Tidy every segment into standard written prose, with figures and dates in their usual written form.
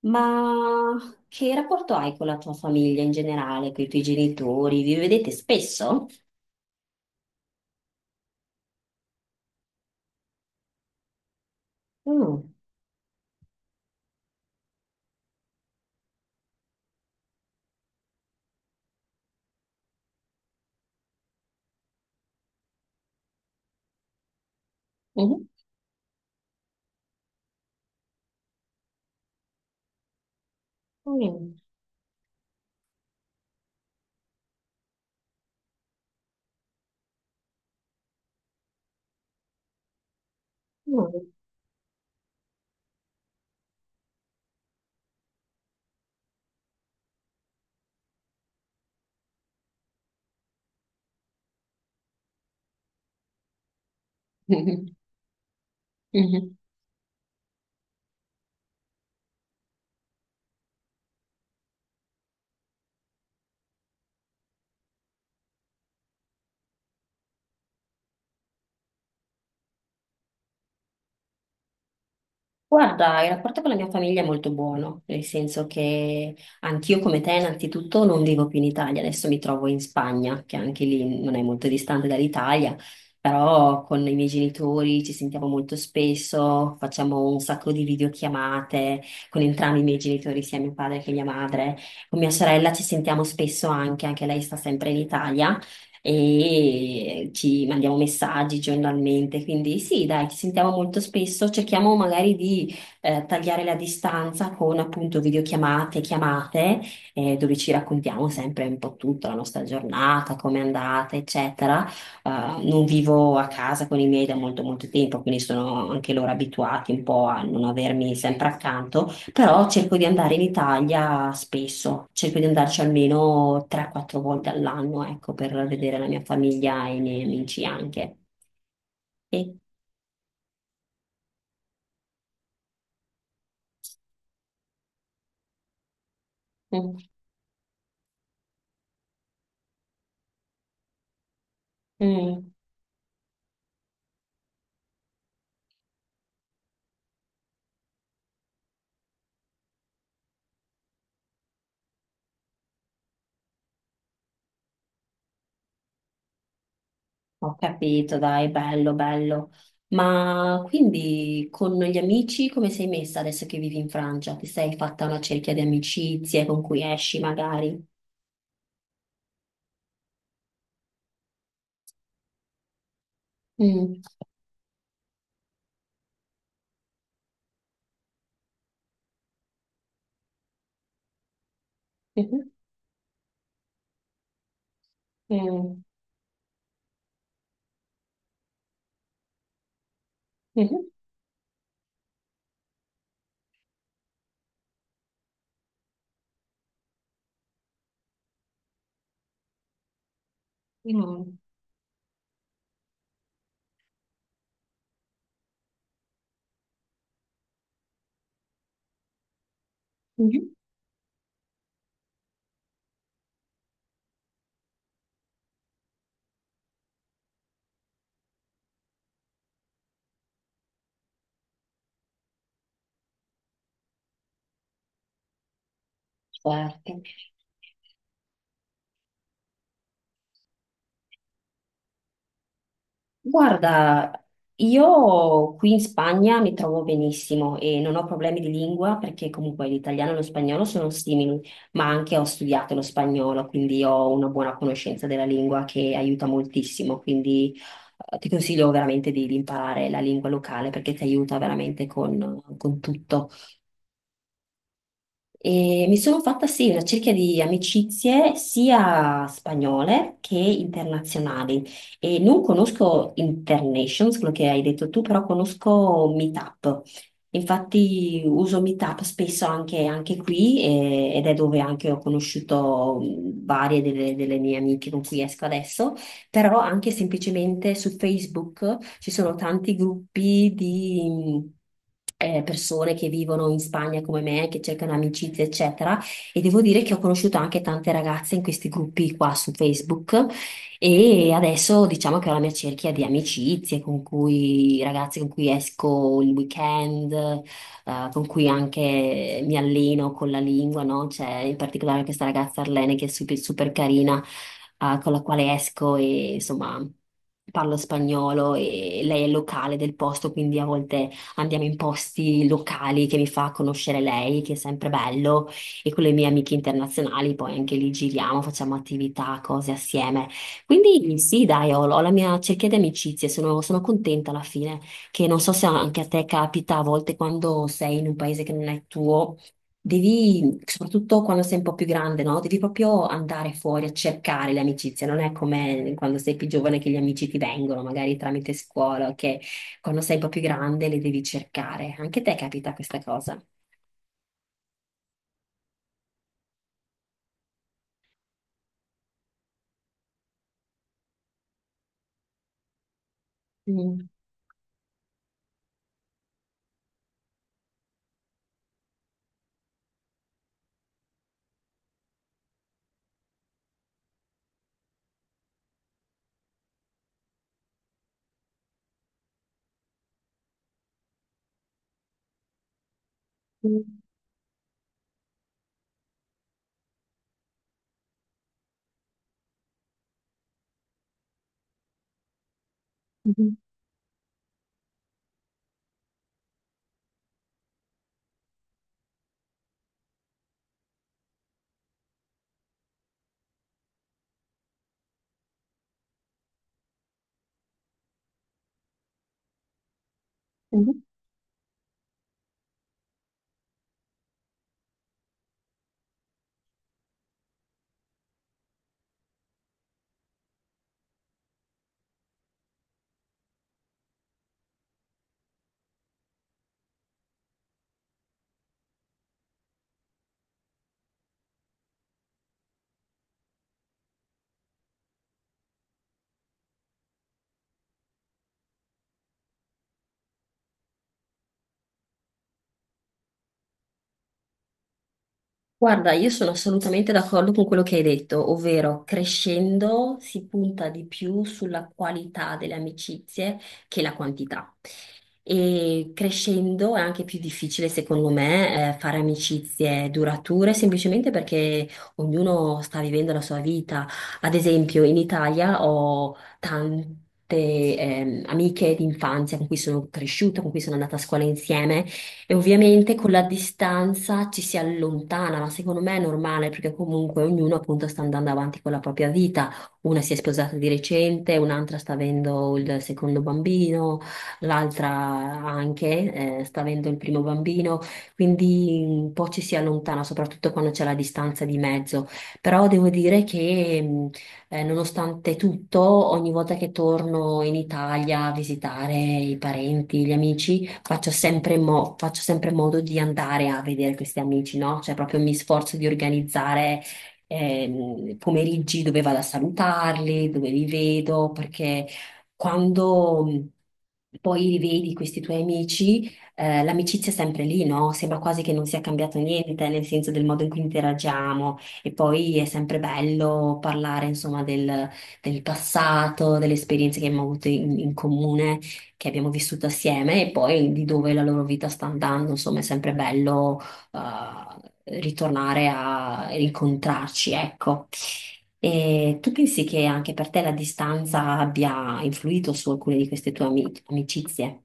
Ma che rapporto hai con la tua famiglia in generale, con i tuoi genitori? Vi vedete spesso? Mm. Mhm. Mm. Mm. Guarda, il rapporto con la mia famiglia è molto buono, nel senso che anch'io come te innanzitutto non vivo più in Italia, adesso mi trovo in Spagna, che anche lì non è molto distante dall'Italia, però con i miei genitori ci sentiamo molto spesso, facciamo un sacco di videochiamate con entrambi i miei genitori, sia mio padre che mia madre, con mia sorella ci sentiamo spesso anche lei sta sempre in Italia e ci mandiamo messaggi giornalmente, quindi sì, dai, ci sentiamo molto spesso, cerchiamo magari di tagliare la distanza con appunto videochiamate, chiamate, dove ci raccontiamo sempre un po' tutta la nostra giornata, come è andata, eccetera. Eh, non vivo a casa con i miei da molto molto tempo, quindi sono anche loro abituati un po' a non avermi sempre accanto. Però cerco di andare in Italia spesso, cerco di andarci almeno 3-4 volte all'anno, ecco, per vedere la mia famiglia e i miei amici anche. E- mm. Mm. Ho capito, dai, bello, bello. Ma quindi con gli amici come sei messa adesso che vivi in Francia? Ti sei fatta una cerchia di amicizie con cui esci magari? Mm. Mhm. Mm. Mhm. Mm. Mhm. Certo. Guarda, io qui in Spagna mi trovo benissimo e non ho problemi di lingua perché comunque l'italiano e lo spagnolo sono simili, ma anche ho studiato lo spagnolo, quindi ho una buona conoscenza della lingua che aiuta moltissimo, quindi ti consiglio veramente di imparare la lingua locale perché ti aiuta veramente con tutto. E mi sono fatta sì una cerchia di amicizie sia spagnole che internazionali e non conosco Internations, quello che hai detto tu, però conosco Meetup. Infatti uso Meetup spesso anche qui ed è dove anche ho conosciuto varie delle mie amiche con cui esco adesso però anche semplicemente su Facebook ci sono tanti gruppi di persone che vivono in Spagna come me, che cercano amicizie, eccetera. E devo dire che ho conosciuto anche tante ragazze in questi gruppi qua su Facebook e adesso diciamo che ho la mia cerchia di amicizie con cui, ragazze con cui esco il weekend con cui anche mi alleno con la lingua, no? C'è in particolare questa ragazza Arlene che è super, super carina, con la quale esco e insomma parlo spagnolo e lei è locale del posto, quindi a volte andiamo in posti locali che mi fa conoscere lei, che è sempre bello, e con le mie amiche internazionali poi anche lì giriamo, facciamo attività, cose assieme. Quindi sì, dai, ho la mia cerchia di amicizie, sono contenta alla fine che non so se anche a te capita a volte quando sei in un paese che non è tuo, devi, soprattutto quando sei un po' più grande, no? Devi proprio andare fuori a cercare le amicizie, non è come quando sei più giovane che gli amici ti vengono, magari tramite scuola, che quando sei un po' più grande le devi cercare. Anche a te capita questa cosa. Mm. Mhm. Mhm. Guarda, io sono assolutamente d'accordo con quello che hai detto, ovvero crescendo si punta di più sulla qualità delle amicizie che la quantità. E crescendo è anche più difficile, secondo me, fare amicizie durature, semplicemente perché ognuno sta vivendo la sua vita. Ad esempio, in Italia ho tante amiche d'infanzia con cui sono cresciuta, con cui sono andata a scuola insieme e ovviamente con la distanza ci si allontana, ma secondo me è normale perché comunque ognuno appunto sta andando avanti con la propria vita. Una si è sposata di recente, un'altra sta avendo il secondo bambino l'altra anche sta avendo il primo bambino, quindi un po' ci si allontana, soprattutto quando c'è la distanza di mezzo. Però devo dire che nonostante tutto, ogni volta che torno in Italia a visitare i parenti, gli amici, faccio sempre, faccio sempre modo di andare a vedere questi amici, no? Cioè proprio mi sforzo di organizzare pomeriggi dove vado a salutarli, dove li vedo, perché quando poi li vedi questi tuoi amici, l'amicizia è sempre lì, no? Sembra quasi che non sia cambiato niente, nel senso del modo in cui interagiamo. E poi è sempre bello parlare, insomma, del passato, delle esperienze che abbiamo avuto in comune, che abbiamo vissuto assieme e poi di dove la loro vita sta andando. Insomma, è sempre bello ritornare a incontrarci, ecco. E tu pensi che anche per te la distanza abbia influito su alcune di queste tue amicizie?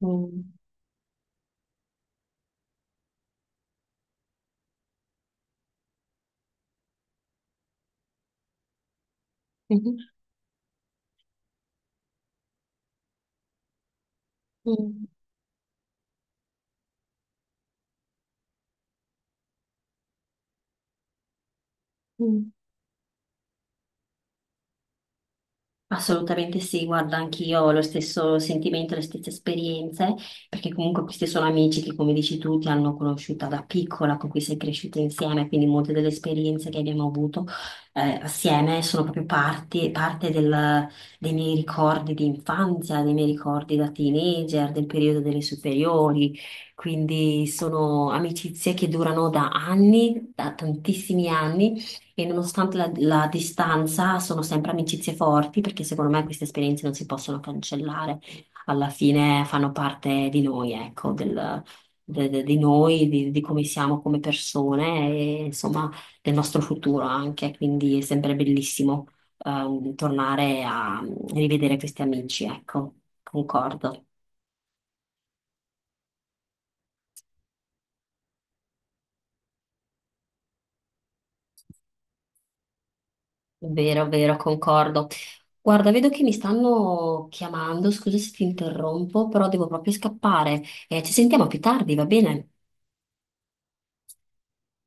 Mm. Mhm. Mm. Mm. Assolutamente sì, guarda, anch'io ho lo stesso sentimento, le stesse esperienze, perché comunque questi sono amici che, come dici tu, ti hanno conosciuta da piccola, con cui sei cresciuta insieme, quindi molte delle esperienze che abbiamo avuto assieme sono proprio parte dei miei ricordi di infanzia, dei miei ricordi da teenager, del periodo delle superiori, quindi sono amicizie che durano da anni, da tantissimi anni e nonostante la distanza, sono sempre amicizie forti perché secondo me queste esperienze non si possono cancellare. Alla fine fanno parte di noi, ecco, di noi, di come siamo come persone e insomma del nostro futuro anche. Quindi è sempre bellissimo, tornare a rivedere questi amici, ecco, concordo. Vero, vero, concordo. Guarda, vedo che mi stanno chiamando, scusa se ti interrompo, però devo proprio scappare. Ci sentiamo più tardi, va bene?